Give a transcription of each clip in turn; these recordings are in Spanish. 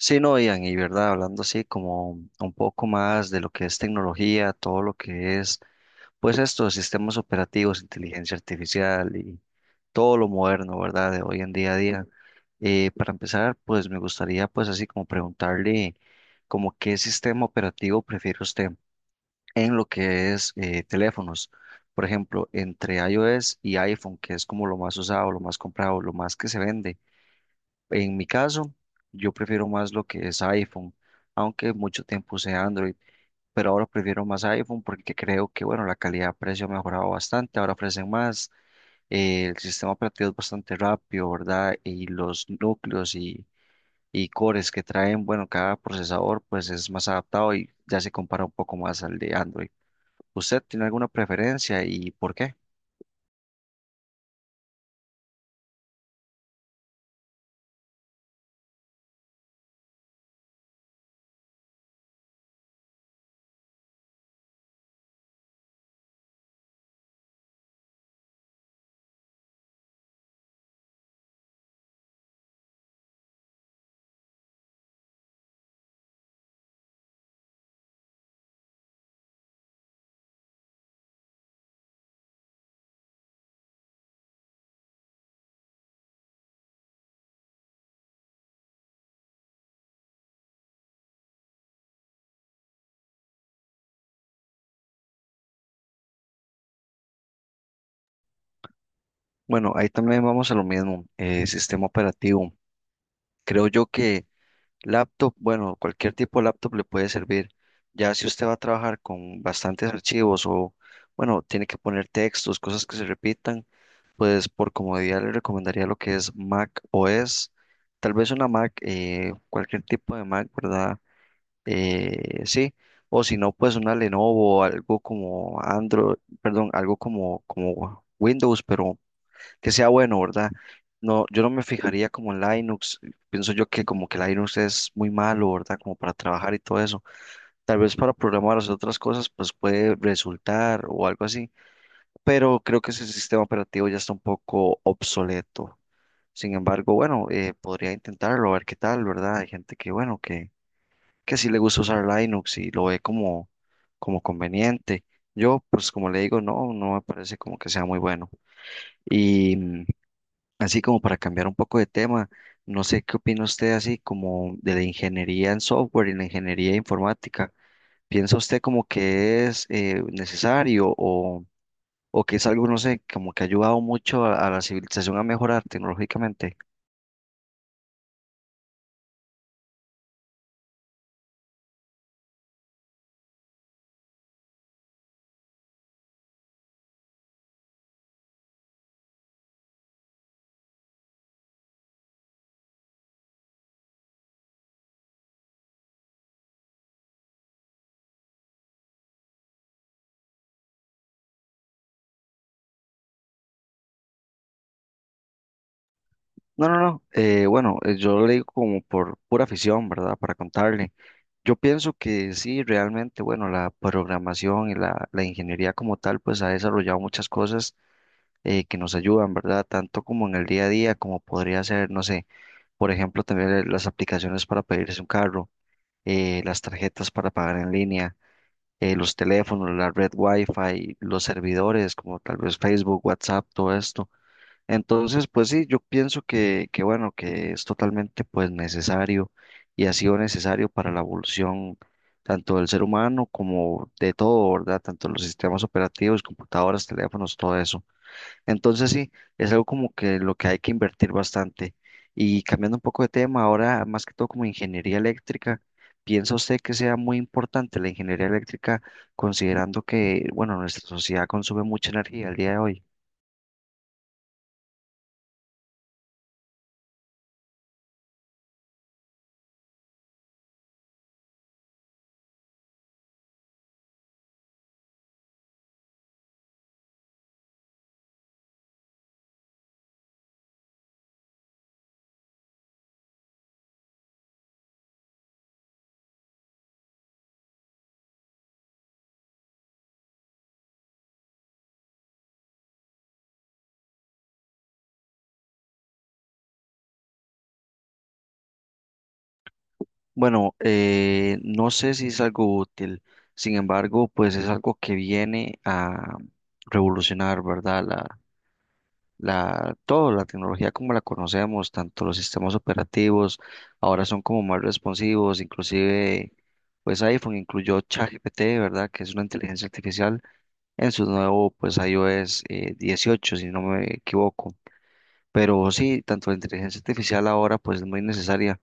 Sí, no, Ian, y verdad, hablando así como un poco más de lo que es tecnología, todo lo que es, pues estos sistemas operativos, inteligencia artificial y todo lo moderno, ¿verdad? De hoy en día a día. Para empezar, pues me gustaría pues así como preguntarle como qué sistema operativo prefiere usted en lo que es teléfonos. Por ejemplo, entre iOS y iPhone, que es como lo más usado, lo más comprado, lo más que se vende. En mi caso, yo prefiero más lo que es iPhone, aunque mucho tiempo usé Android, pero ahora prefiero más iPhone porque creo que, bueno, la calidad-precio ha mejorado bastante, ahora ofrecen más, el sistema operativo es bastante rápido, ¿verdad? Y los núcleos y cores que traen, bueno, cada procesador pues es más adaptado y ya se compara un poco más al de Android. ¿Usted tiene alguna preferencia y por qué? Bueno, ahí también vamos a lo mismo, sistema operativo. Creo yo que laptop, bueno, cualquier tipo de laptop le puede servir. Ya si usted va a trabajar con bastantes archivos o, bueno, tiene que poner textos, cosas que se repitan, pues por comodidad le recomendaría lo que es Mac OS. Tal vez una Mac, cualquier tipo de Mac, ¿verdad? Sí. O si no, pues una Lenovo, algo como Android, perdón, algo como Windows, pero que sea bueno, ¿verdad? No, yo no me fijaría como en Linux. Pienso yo que como que Linux es muy malo, ¿verdad? Como para trabajar y todo eso. Tal vez para programar o hacer otras cosas, pues puede resultar o algo así. Pero creo que ese sistema operativo ya está un poco obsoleto. Sin embargo, bueno, podría intentarlo, a ver qué tal, ¿verdad? Hay gente que, bueno, que sí le gusta usar Linux y lo ve como conveniente. Yo, pues como le digo, no me parece como que sea muy bueno. Y así como para cambiar un poco de tema, no sé qué opina usted así como de la ingeniería en software y la ingeniería informática. ¿Piensa usted como que es necesario o que es algo, no sé, como que ha ayudado mucho a la civilización a mejorar tecnológicamente? No, no, no. Bueno, yo lo digo como por pura afición, ¿verdad? Para contarle. Yo pienso que sí, realmente, bueno, la programación y la ingeniería como tal, pues ha desarrollado muchas cosas que nos ayudan, ¿verdad? Tanto como en el día a día, como podría ser, no sé, por ejemplo, también las aplicaciones para pedirse un carro, las tarjetas para pagar en línea, los teléfonos, la red Wi-Fi, los servidores, como tal vez Facebook, WhatsApp, todo esto. Entonces, pues sí, yo pienso que bueno, que es totalmente pues necesario y ha sido necesario para la evolución tanto del ser humano como de todo, ¿verdad? Tanto los sistemas operativos, computadoras, teléfonos, todo eso. Entonces sí, es algo como que lo que hay que invertir bastante. Y cambiando un poco de tema, ahora más que todo como ingeniería eléctrica, ¿piensa usted que sea muy importante la ingeniería eléctrica considerando que, bueno, nuestra sociedad consume mucha energía al día de hoy? Bueno, no sé si es algo útil, sin embargo, pues es algo que viene a revolucionar, ¿verdad? La, todo, la tecnología como la conocemos, tanto los sistemas operativos, ahora son como más responsivos, inclusive pues iPhone incluyó ChatGPT, ¿verdad? Que es una inteligencia artificial en su nuevo pues iOS 18 si no me equivoco. Pero sí, tanto la inteligencia artificial ahora pues es muy necesaria.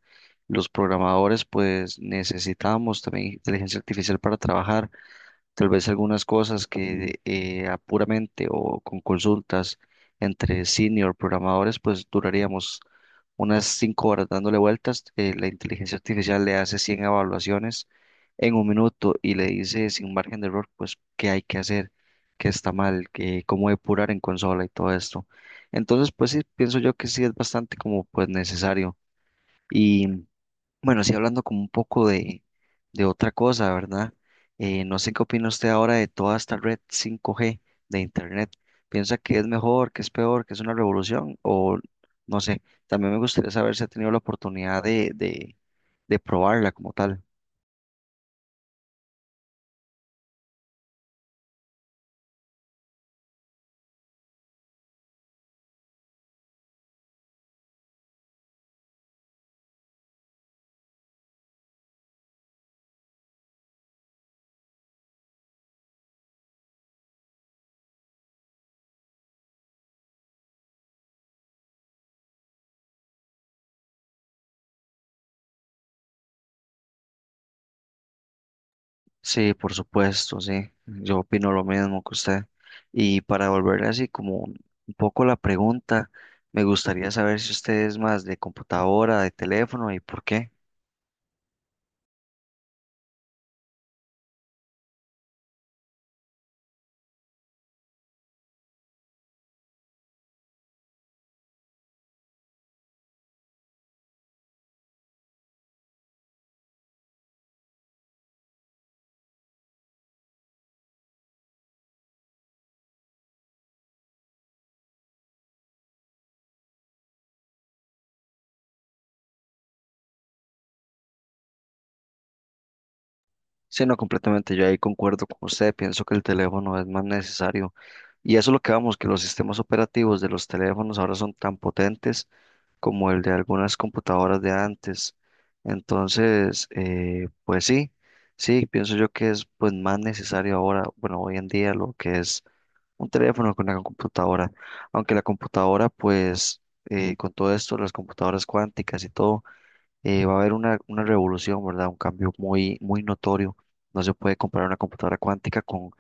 Los programadores pues necesitamos también inteligencia artificial para trabajar. Tal vez algunas cosas que a puramente o con consultas entre senior programadores, pues duraríamos unas 5 horas dándole vueltas. La inteligencia artificial le hace 100 evaluaciones en un minuto y le dice sin margen de error, pues qué hay que hacer, qué está mal, qué, cómo depurar en consola y todo esto. Entonces, pues sí, pienso yo que sí es bastante como pues necesario. Y bueno, sí, hablando como un poco de otra cosa, ¿verdad? No sé qué opina usted ahora de toda esta red 5G de Internet. ¿Piensa que es mejor, que es peor, que es una revolución? O no sé, también me gustaría saber si ha tenido la oportunidad de probarla como tal. Sí, por supuesto, sí. Yo opino lo mismo que usted. Y para volver así como un poco la pregunta, me gustaría saber si usted es más de computadora, de teléfono y por qué. Sí, no, completamente. Yo ahí concuerdo con usted. Pienso que el teléfono es más necesario. Y eso es lo que vamos, que los sistemas operativos de los teléfonos ahora son tan potentes como el de algunas computadoras de antes. Entonces, pues sí, sí, pienso yo que es pues más necesario ahora, bueno, hoy en día lo que es un teléfono con una computadora. Aunque la computadora, pues, con todo esto, las computadoras cuánticas y todo va a haber una revolución, ¿verdad? Un cambio muy, muy notorio. No se puede comparar una computadora cuántica con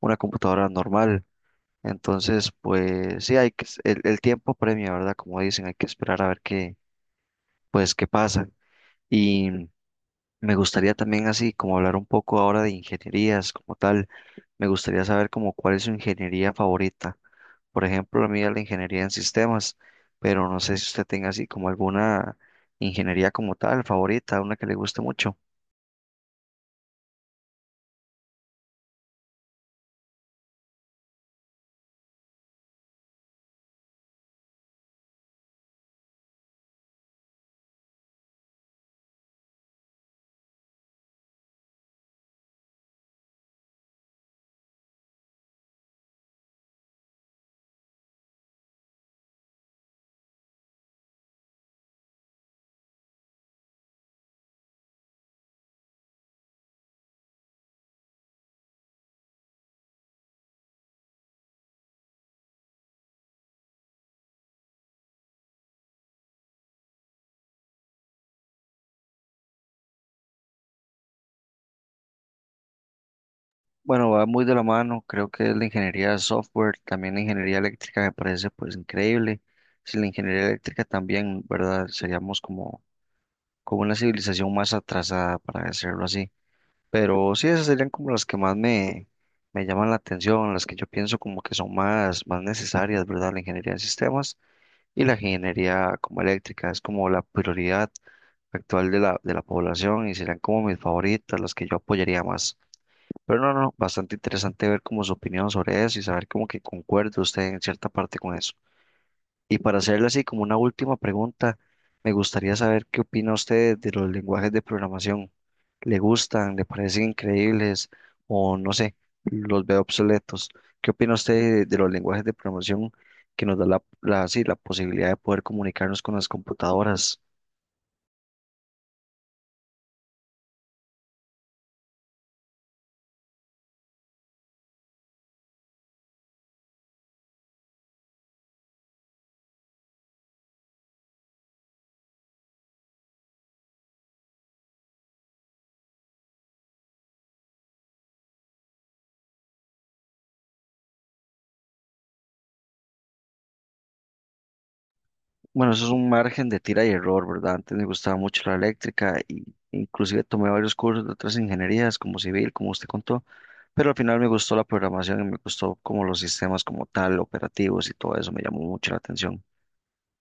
una computadora normal. Entonces, pues sí, hay que, el tiempo premia, ¿verdad? Como dicen, hay que esperar a ver qué, pues, qué pasa. Y me gustaría también así, como hablar un poco ahora de ingenierías como tal. Me gustaría saber como cuál es su ingeniería favorita. Por ejemplo, la mía es la ingeniería en sistemas, pero no sé si usted tenga así como alguna ingeniería como tal favorita, una que le guste mucho. Bueno, va muy de la mano, creo que es la ingeniería de software, también la ingeniería eléctrica me parece pues increíble. Si la ingeniería eléctrica también, ¿verdad? Seríamos como, como una civilización más atrasada, para decirlo así. Pero sí, esas serían como las que más me llaman la atención, las que yo pienso como que son más, más necesarias, ¿verdad? La ingeniería de sistemas y la ingeniería como eléctrica, es como la prioridad actual de de la población y serían como mis favoritas, las que yo apoyaría más. Pero no, no, bastante interesante ver como su opinión sobre eso y saber como que concuerde usted en cierta parte con eso. Y para hacerle así como una última pregunta, me gustaría saber qué opina usted de los lenguajes de programación. ¿Le gustan? ¿Le parecen increíbles? O no sé, los ve obsoletos. ¿Qué opina usted de los lenguajes de programación que nos da la, sí, la posibilidad de poder comunicarnos con las computadoras? Bueno, eso es un margen de tira y error, ¿verdad? Antes me gustaba mucho la eléctrica y inclusive tomé varios cursos de otras ingenierías como civil, como usted contó, pero al final me gustó la programación y me gustó como los sistemas como tal, operativos y todo eso me llamó mucho la atención.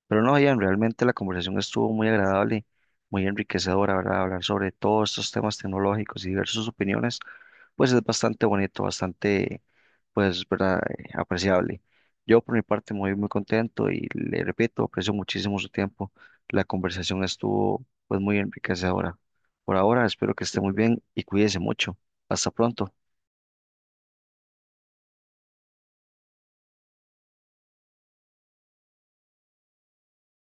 Pero no, Ian, realmente la conversación estuvo muy agradable, muy enriquecedora, ¿verdad? Hablar sobre todos estos temas tecnológicos y diversas opiniones pues es bastante bonito, bastante, pues, ¿verdad? Apreciable. Yo por mi parte muy, muy contento y le repito, aprecio muchísimo su tiempo. La conversación estuvo, pues, muy enriquecedora. Por ahora, espero que esté muy bien y cuídese mucho. Hasta pronto.